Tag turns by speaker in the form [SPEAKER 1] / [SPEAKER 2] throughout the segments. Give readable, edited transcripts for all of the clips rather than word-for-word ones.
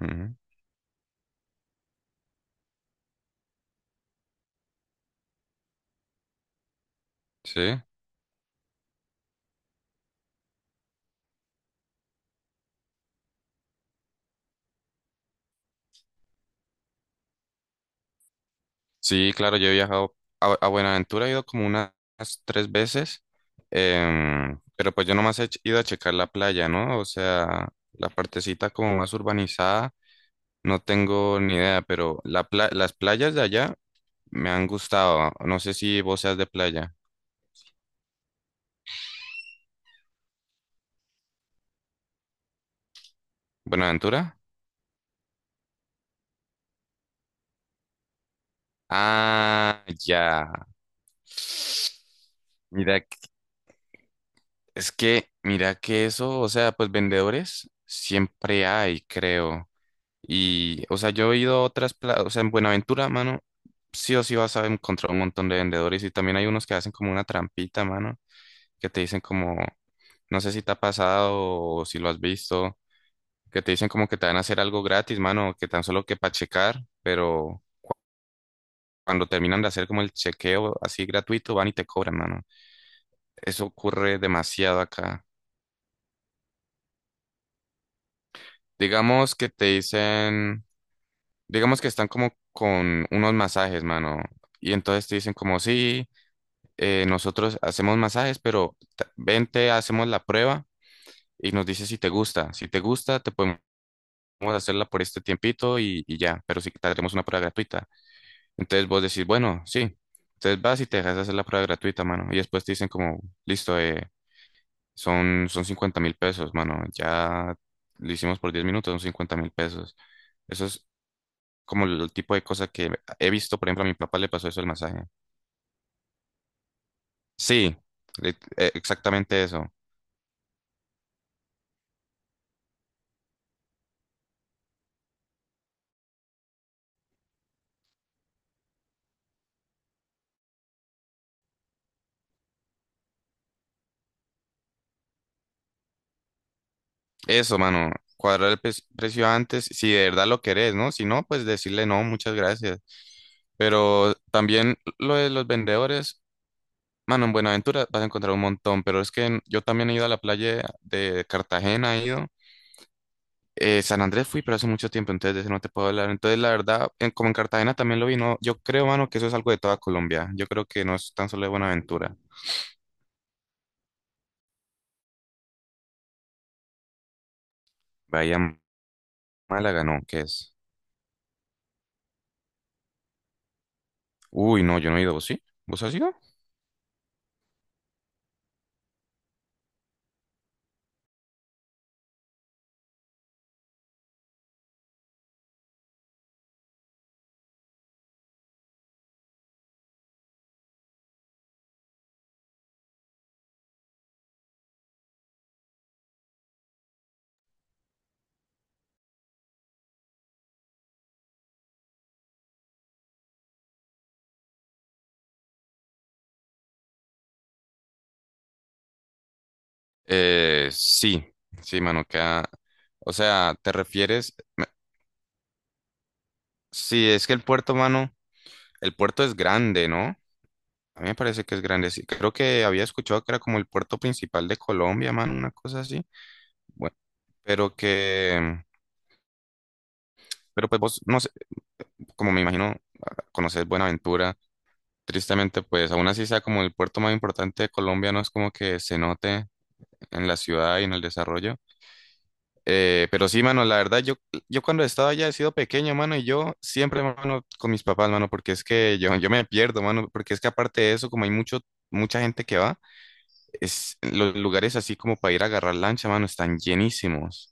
[SPEAKER 1] Ujú, sí, sí, claro, yo he viajado a Buenaventura, he ido como unas tres veces, pero pues yo nomás he ido a checar la playa, ¿no? O sea, la partecita como más urbanizada, no tengo ni idea, pero las playas de allá me han gustado. No sé si vos seas de playa. ¿Buenaventura? Ah, ya. Mira, que- es que, mira que eso, o sea, pues vendedores siempre hay, creo. Y, o sea, yo he ido a o sea, en Buenaventura, mano, sí o sí vas a encontrar un montón de vendedores y también hay unos que hacen como una trampita, mano, que te dicen como, no sé si te ha pasado o si lo has visto, que te dicen como que te van a hacer algo gratis, mano, que tan solo que para checar, pero cuando terminan de hacer como el chequeo así gratuito, van y te cobran, mano. Eso ocurre demasiado acá. Digamos que te dicen, digamos que están como con unos masajes, mano, y entonces te dicen como, sí. Nosotros hacemos masajes, pero ven, te hacemos la prueba y nos dices si te gusta. Si te gusta, te podemos hacerla por este tiempito y ya, pero si te haremos una prueba gratuita. Entonces vos decís, bueno, sí. Entonces vas y te dejas hacer la prueba gratuita, mano. Y después te dicen como, listo, son 50.000 pesos, mano. Ya lo hicimos por 10 minutos, son 50.000 pesos. Eso es como el tipo de cosa que he visto, por ejemplo, a mi papá le pasó eso el masaje. Sí, le- exactamente eso. Eso, mano, cuadrar el precio antes, si de verdad lo querés, ¿no? Si no, pues decirle no, muchas gracias. Pero también lo de los vendedores, mano, en Buenaventura vas a encontrar un montón, pero es que yo también he ido a la playa de Cartagena, he ido. San Andrés fui, pero hace mucho tiempo, entonces de eso no te puedo hablar. Entonces, la verdad, como en Cartagena también lo vi, no, yo creo, mano, que eso es algo de toda Colombia. Yo creo que no es tan solo de Buenaventura. Vaya, Málaga, no, ¿qué es? Uy, no, yo no he ido, ¿vos sí? ¿Vos has ido? Sí, sí, mano, queda. O sea, ¿te refieres? Sí, es que el puerto, mano, el puerto es grande, ¿no? A mí me parece que es grande, sí. Creo que había escuchado que era como el puerto principal de Colombia, mano, una cosa así. Bueno, pero que. Pero pues vos, no sé, como me imagino, conoces Buenaventura. Tristemente, pues aún así sea como el puerto más importante de Colombia, no es como que se note en la ciudad y en el desarrollo. Pero sí, mano, la verdad, yo cuando estaba allá he sido pequeño, mano, y yo siempre, mano, con mis papás, mano, porque es que yo me pierdo, mano, porque es que aparte de eso, como hay mucha gente que va, es, los lugares así como para ir a agarrar lancha, mano, están llenísimos.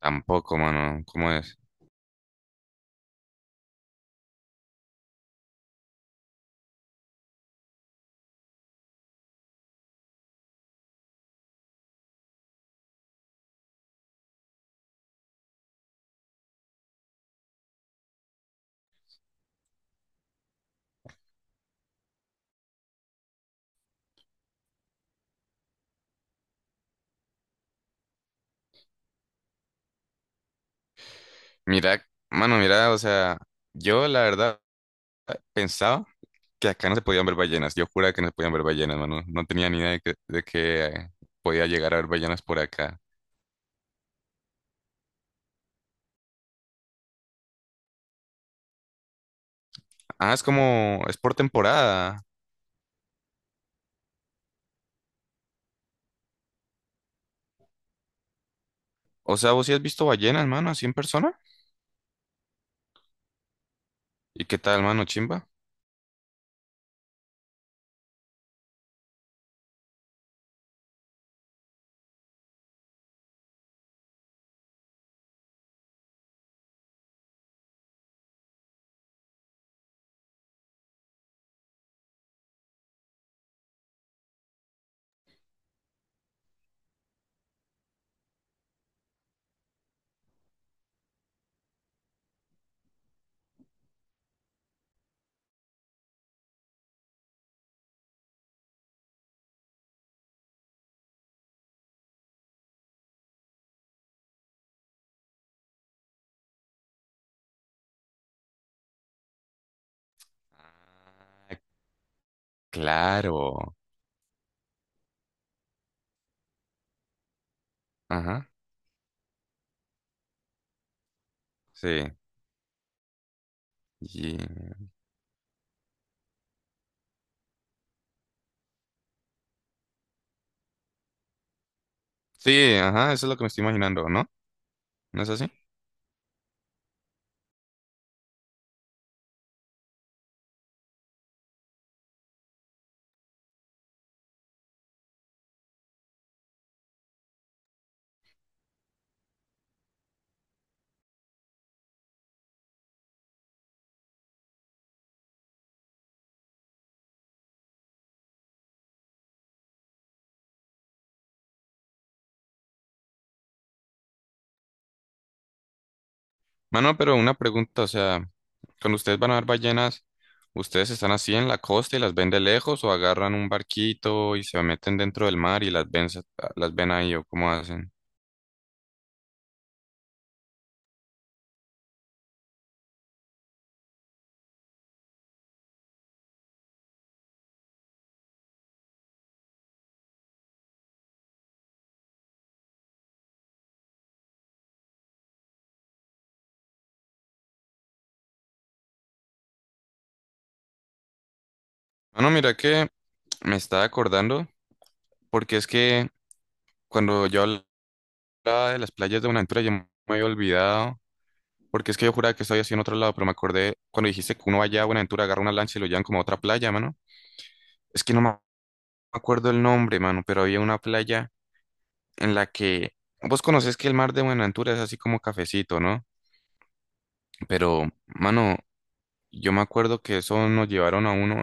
[SPEAKER 1] Tampoco, mano, ¿cómo es? Mira, mano, mira, o sea, yo la verdad pensaba que acá no se podían ver ballenas, yo juraba que no se podían ver ballenas, mano, no tenía ni idea de que podía llegar a ver ballenas por acá. Ah, es como, es por temporada. O sea, ¿vos sí has visto ballenas, mano, así en persona? ¿Y qué tal, mano, chimba? Ah, claro. Ajá, sí. Y- Sí, ajá, eso es lo que me estoy imaginando, ¿no? ¿No es así? Mano, pero una pregunta, o sea, cuando ustedes van a ver ballenas, ¿ustedes están así en la costa y las ven de lejos o agarran un barquito y se meten dentro del mar y las ven, las ven ahí o cómo hacen? Mano, mira que me estaba acordando, porque es que cuando yo hablaba de las playas de Buenaventura, yo me había olvidado. Porque es que yo juraba que estaba así en otro lado, pero me acordé cuando dijiste que uno vaya a Buenaventura, agarra una lancha y lo llevan como a otra playa, mano. Es que no me acuerdo el nombre, mano, pero había una playa en la que vos conocés que el mar de Buenaventura es así como cafecito, ¿no? Pero, mano, yo me acuerdo que eso nos llevaron a uno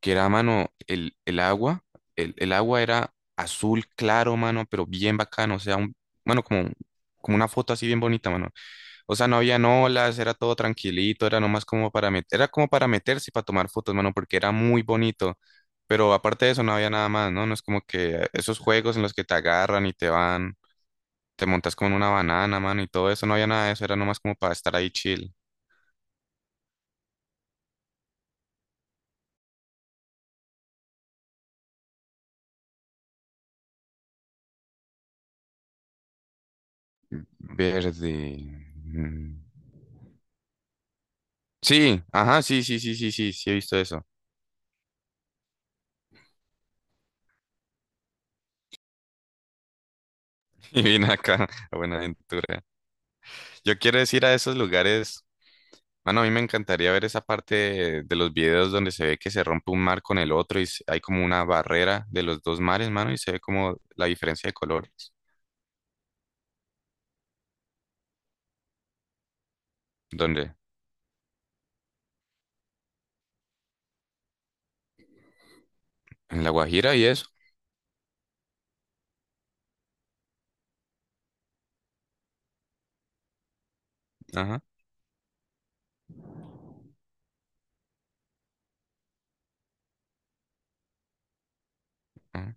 [SPEAKER 1] que era, mano, el agua, el agua era azul claro, mano, pero bien bacano, o sea, mano, como una foto así bien bonita, mano. O sea, no habían olas, era todo tranquilito, era nomás como para meter, era como para meterse y para tomar fotos, mano, porque era muy bonito. Pero aparte de eso, no había nada más, ¿no? No es como que esos juegos en los que te agarran y te montas como en una banana, mano, y todo eso, no había nada de eso, era nomás como para estar ahí chill. Verde. Mm. Sí, ajá, sí, sí, sí, sí, sí, sí, he visto eso. Y vine acá a Buenaventura. Yo quiero decir a esos lugares. Mano, a mí me encantaría ver esa parte de los videos donde se ve que se rompe un mar con el otro y hay como una barrera de los dos mares, mano, y se ve como la diferencia de colores. ¿Dónde? En La Guajira y eso. Ajá, ajá.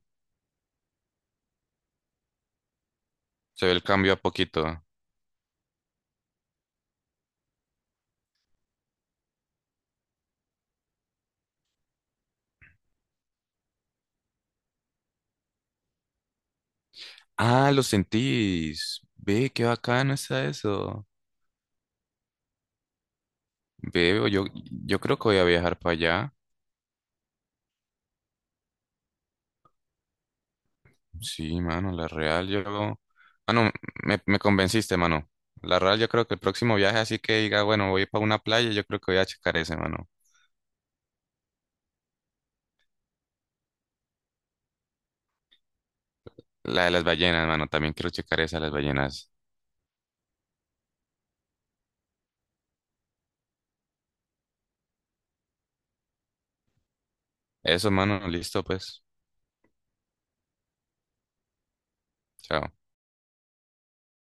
[SPEAKER 1] Se ve el cambio a poquito. Ah, lo sentís. Ve, qué bacano está eso. Ve, yo creo que voy a viajar para allá. Sí, mano, la real. Mano, me convenciste, mano. La real, yo creo que el próximo viaje, así que diga, bueno, voy para una playa, yo creo que voy a checar ese, mano. La de las ballenas, mano. También quiero checar esa de las ballenas. Eso, mano. Listo, pues. Chao.